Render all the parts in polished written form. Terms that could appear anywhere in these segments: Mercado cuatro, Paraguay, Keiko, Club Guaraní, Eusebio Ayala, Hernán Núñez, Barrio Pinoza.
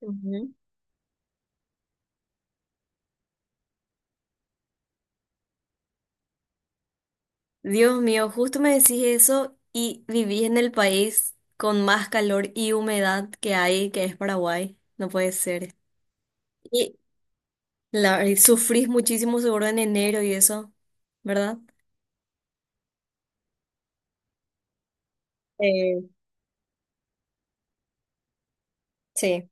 Ujú. Dios mío, justo me decís eso y viví en el país con más calor y humedad que hay, que es Paraguay. No puede ser. Y y sufrís muchísimo seguro en enero y eso, ¿verdad? Eh, sí.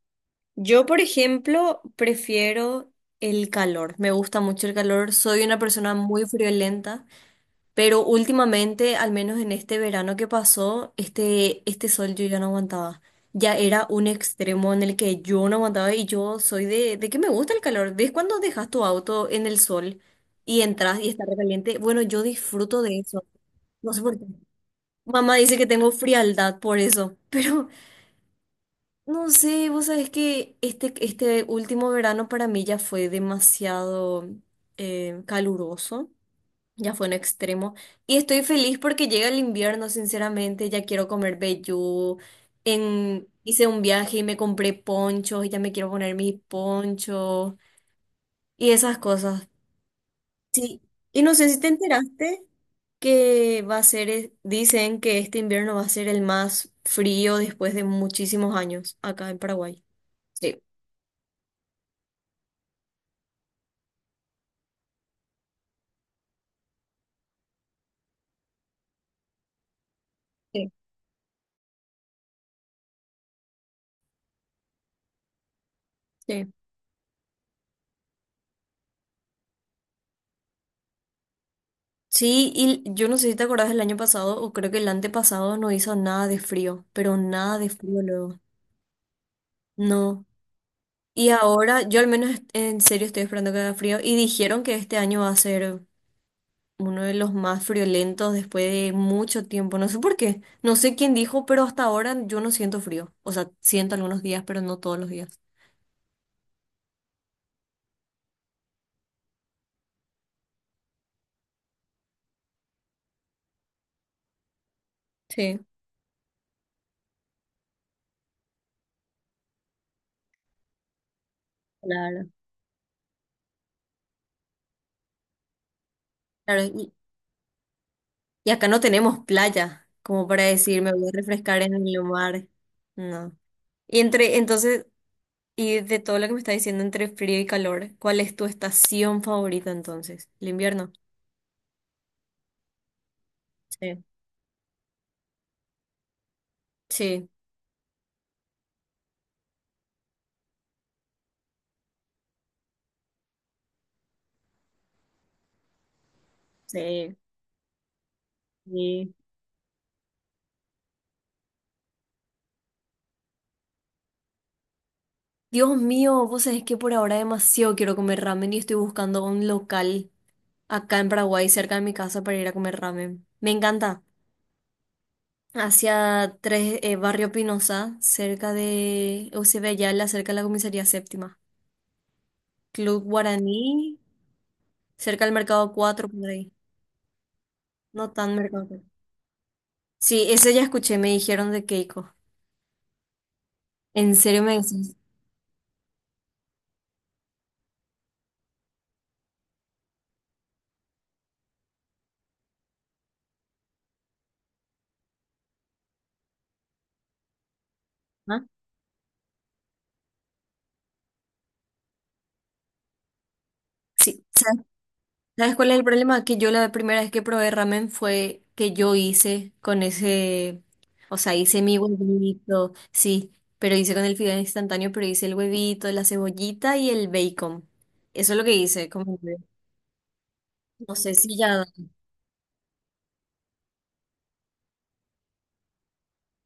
Yo, por ejemplo, prefiero el calor. Me gusta mucho el calor. Soy una persona muy friolenta. Pero últimamente, al menos en este verano que pasó, este sol yo ya no aguantaba. Ya era un extremo en el que yo no aguantaba y yo soy de que me gusta el calor. ¿Ves cuando dejas tu auto en el sol y entras y está recaliente? Bueno, yo disfruto de eso. No sé por qué. Mamá dice que tengo frialdad por eso, pero no sé, vos sabés que este último verano para mí ya fue demasiado caluroso. Ya fue un extremo. Y estoy feliz porque llega el invierno, sinceramente. Ya quiero comer vellú. Hice un viaje y me compré ponchos y ya me quiero poner mis ponchos y esas cosas. Sí. Y no sé si te enteraste que va a ser, dicen que este invierno va a ser el más frío después de muchísimos años acá en Paraguay. Sí. Sí. Sí. Sí, y yo no sé si te acordás del año pasado o creo que el antepasado no hizo nada de frío, pero nada de frío luego. No. Y ahora, yo al menos en serio estoy esperando que haga frío. Y dijeron que este año va a ser uno de los más friolentos después de mucho tiempo. No sé por qué. No sé quién dijo, pero hasta ahora yo no siento frío. O sea, siento algunos días, pero no todos los días. Sí. Claro. Claro, y acá no tenemos playa, como para decir, me voy a refrescar en el mar. No. Entonces, y de todo lo que me está diciendo entre frío y calor, ¿cuál es tu estación favorita entonces? ¿El invierno? Sí. Sí. Sí. Sí. Dios mío, vos sabés que por ahora demasiado quiero comer ramen y estoy buscando un local acá en Paraguay, cerca de mi casa, para ir a comer ramen. Me encanta. Hacia tres, Barrio Pinoza, cerca de Eusebio Ayala, cerca de la comisaría séptima. Club Guaraní, cerca del Mercado cuatro por ahí. No tan Mercado 4. Sí, ese ya escuché, me dijeron de Keiko. ¿En serio me decís? ¿Ah? Sí. ¿Sabes cuál es el problema? Que yo la primera vez que probé ramen fue que yo hice con ese, o sea, hice mi huevito, sí, pero hice con el fideo instantáneo, pero hice el huevito, la cebollita y el bacon. Eso es lo que hice, como que no sé si ya,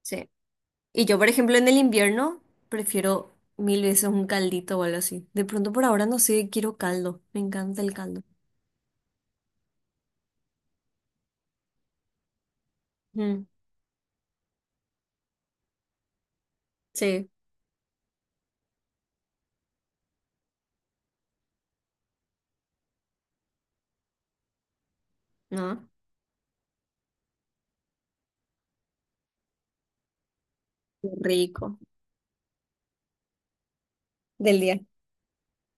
sí. Y yo, por ejemplo, en el invierno prefiero mil veces un caldito o algo así. De pronto por ahora no sé, quiero caldo, me encanta el caldo. Mm, sí, ¿no? Qué Rico. Del día.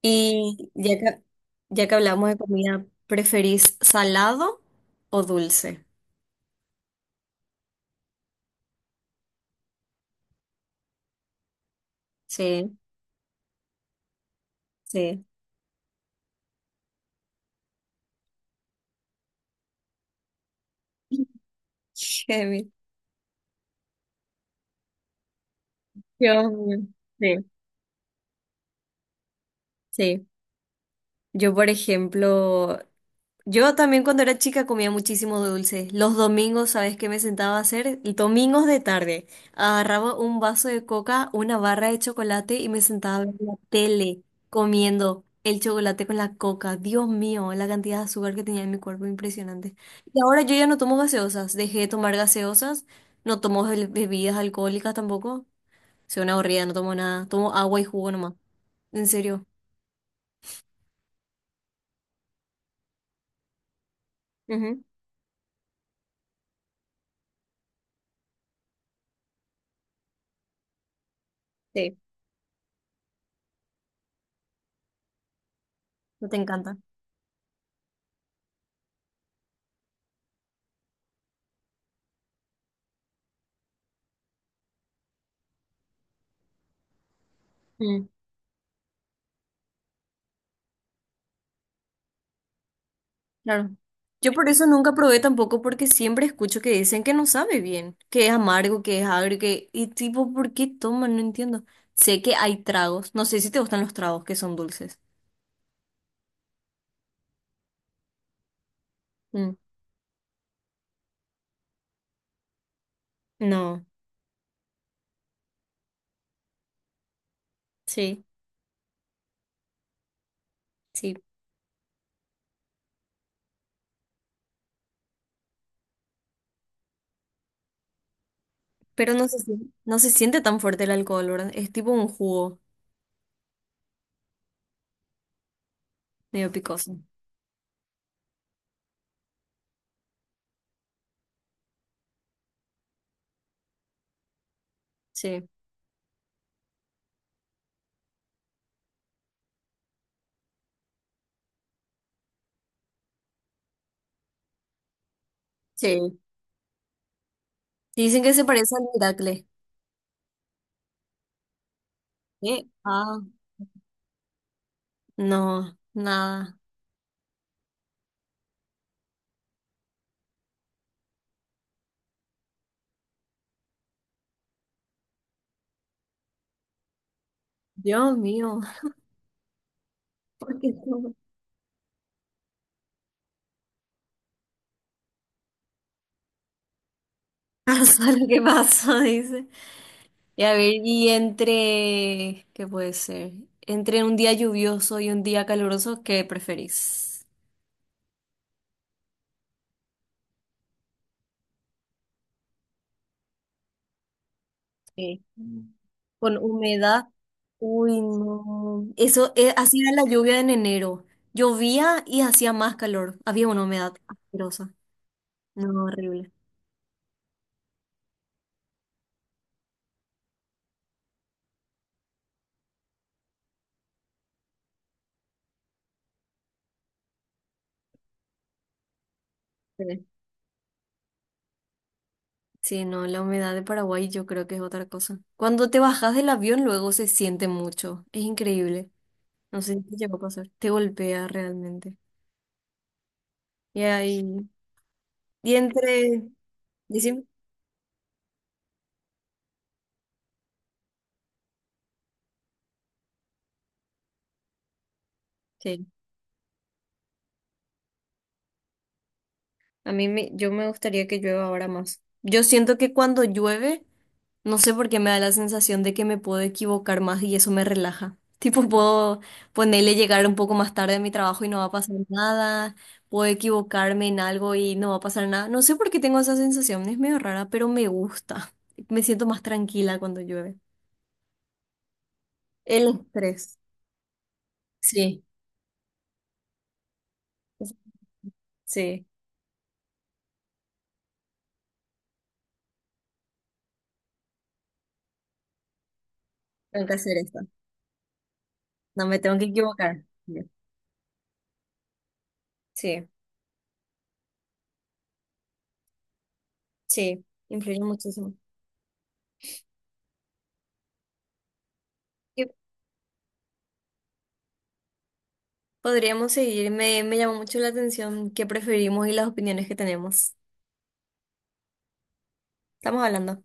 Y ya que, ya que hablamos de comida, ¿preferís salado o dulce? Sí, sí. Heavy. Dios Sí, sí. Yo, por ejemplo, Yo también cuando era chica comía muchísimo dulce. Los domingos, ¿sabes qué me sentaba a hacer? Domingos de tarde. Agarraba un vaso de coca, una barra de chocolate y me sentaba a ver la tele comiendo el chocolate con la coca. Dios mío, la cantidad de azúcar que tenía en mi cuerpo, impresionante. Y ahora yo ya no tomo gaseosas. Dejé de tomar gaseosas. No tomo bebidas alcohólicas tampoco. Soy una aburrida, no tomo nada. Tomo agua y jugo nomás. En serio. Ujú, sí, no te encanta. Claro. Yo por eso nunca probé tampoco porque siempre escucho que dicen que no sabe bien, que es amargo, que es agrio, que... Y tipo, ¿por qué toman? No entiendo. Sé que hay tragos. No sé si te gustan los tragos que son dulces. Mm, no, sí, sí. Pero no se siente tan fuerte el alcohol, ¿verdad? Es tipo un jugo medio picoso. Sí, sí. Dicen que se parece al Miracle. ¿Eh? Ah, no, nada. Dios mío, ¿por qué no? Pasa lo que pasa, dice. Y a ver, ¿qué puede ser? Entre un día lluvioso y un día caluroso, ¿qué preferís? Sí. Mm. Con humedad. Uy, no. Eso, así era la lluvia en enero. Llovía y hacía más calor. Había una humedad asquerosa. No, horrible. Sí, sí, no, la humedad de Paraguay yo creo que es otra cosa. Cuando te bajas del avión luego se siente mucho. Es increíble. No sé si te llegó a pasar. Te golpea realmente. Y ahí. Y entre. Decime. Sí, a mí me, yo me gustaría que llueva ahora más. Yo siento que cuando llueve, no sé por qué me da la sensación de que me puedo equivocar más y eso me relaja. Tipo, puedo ponerle llegar un poco más tarde a mi trabajo y no va a pasar nada. Puedo equivocarme en algo y no va a pasar nada. No sé por qué tengo esa sensación, es medio rara, pero me gusta. Me siento más tranquila cuando llueve. El estrés. Sí, sí, tengo que hacer esto. No me tengo que equivocar. Sí, sí, influye muchísimo. Podríamos seguir. Me llamó mucho la atención qué preferimos y las opiniones que tenemos. Estamos hablando.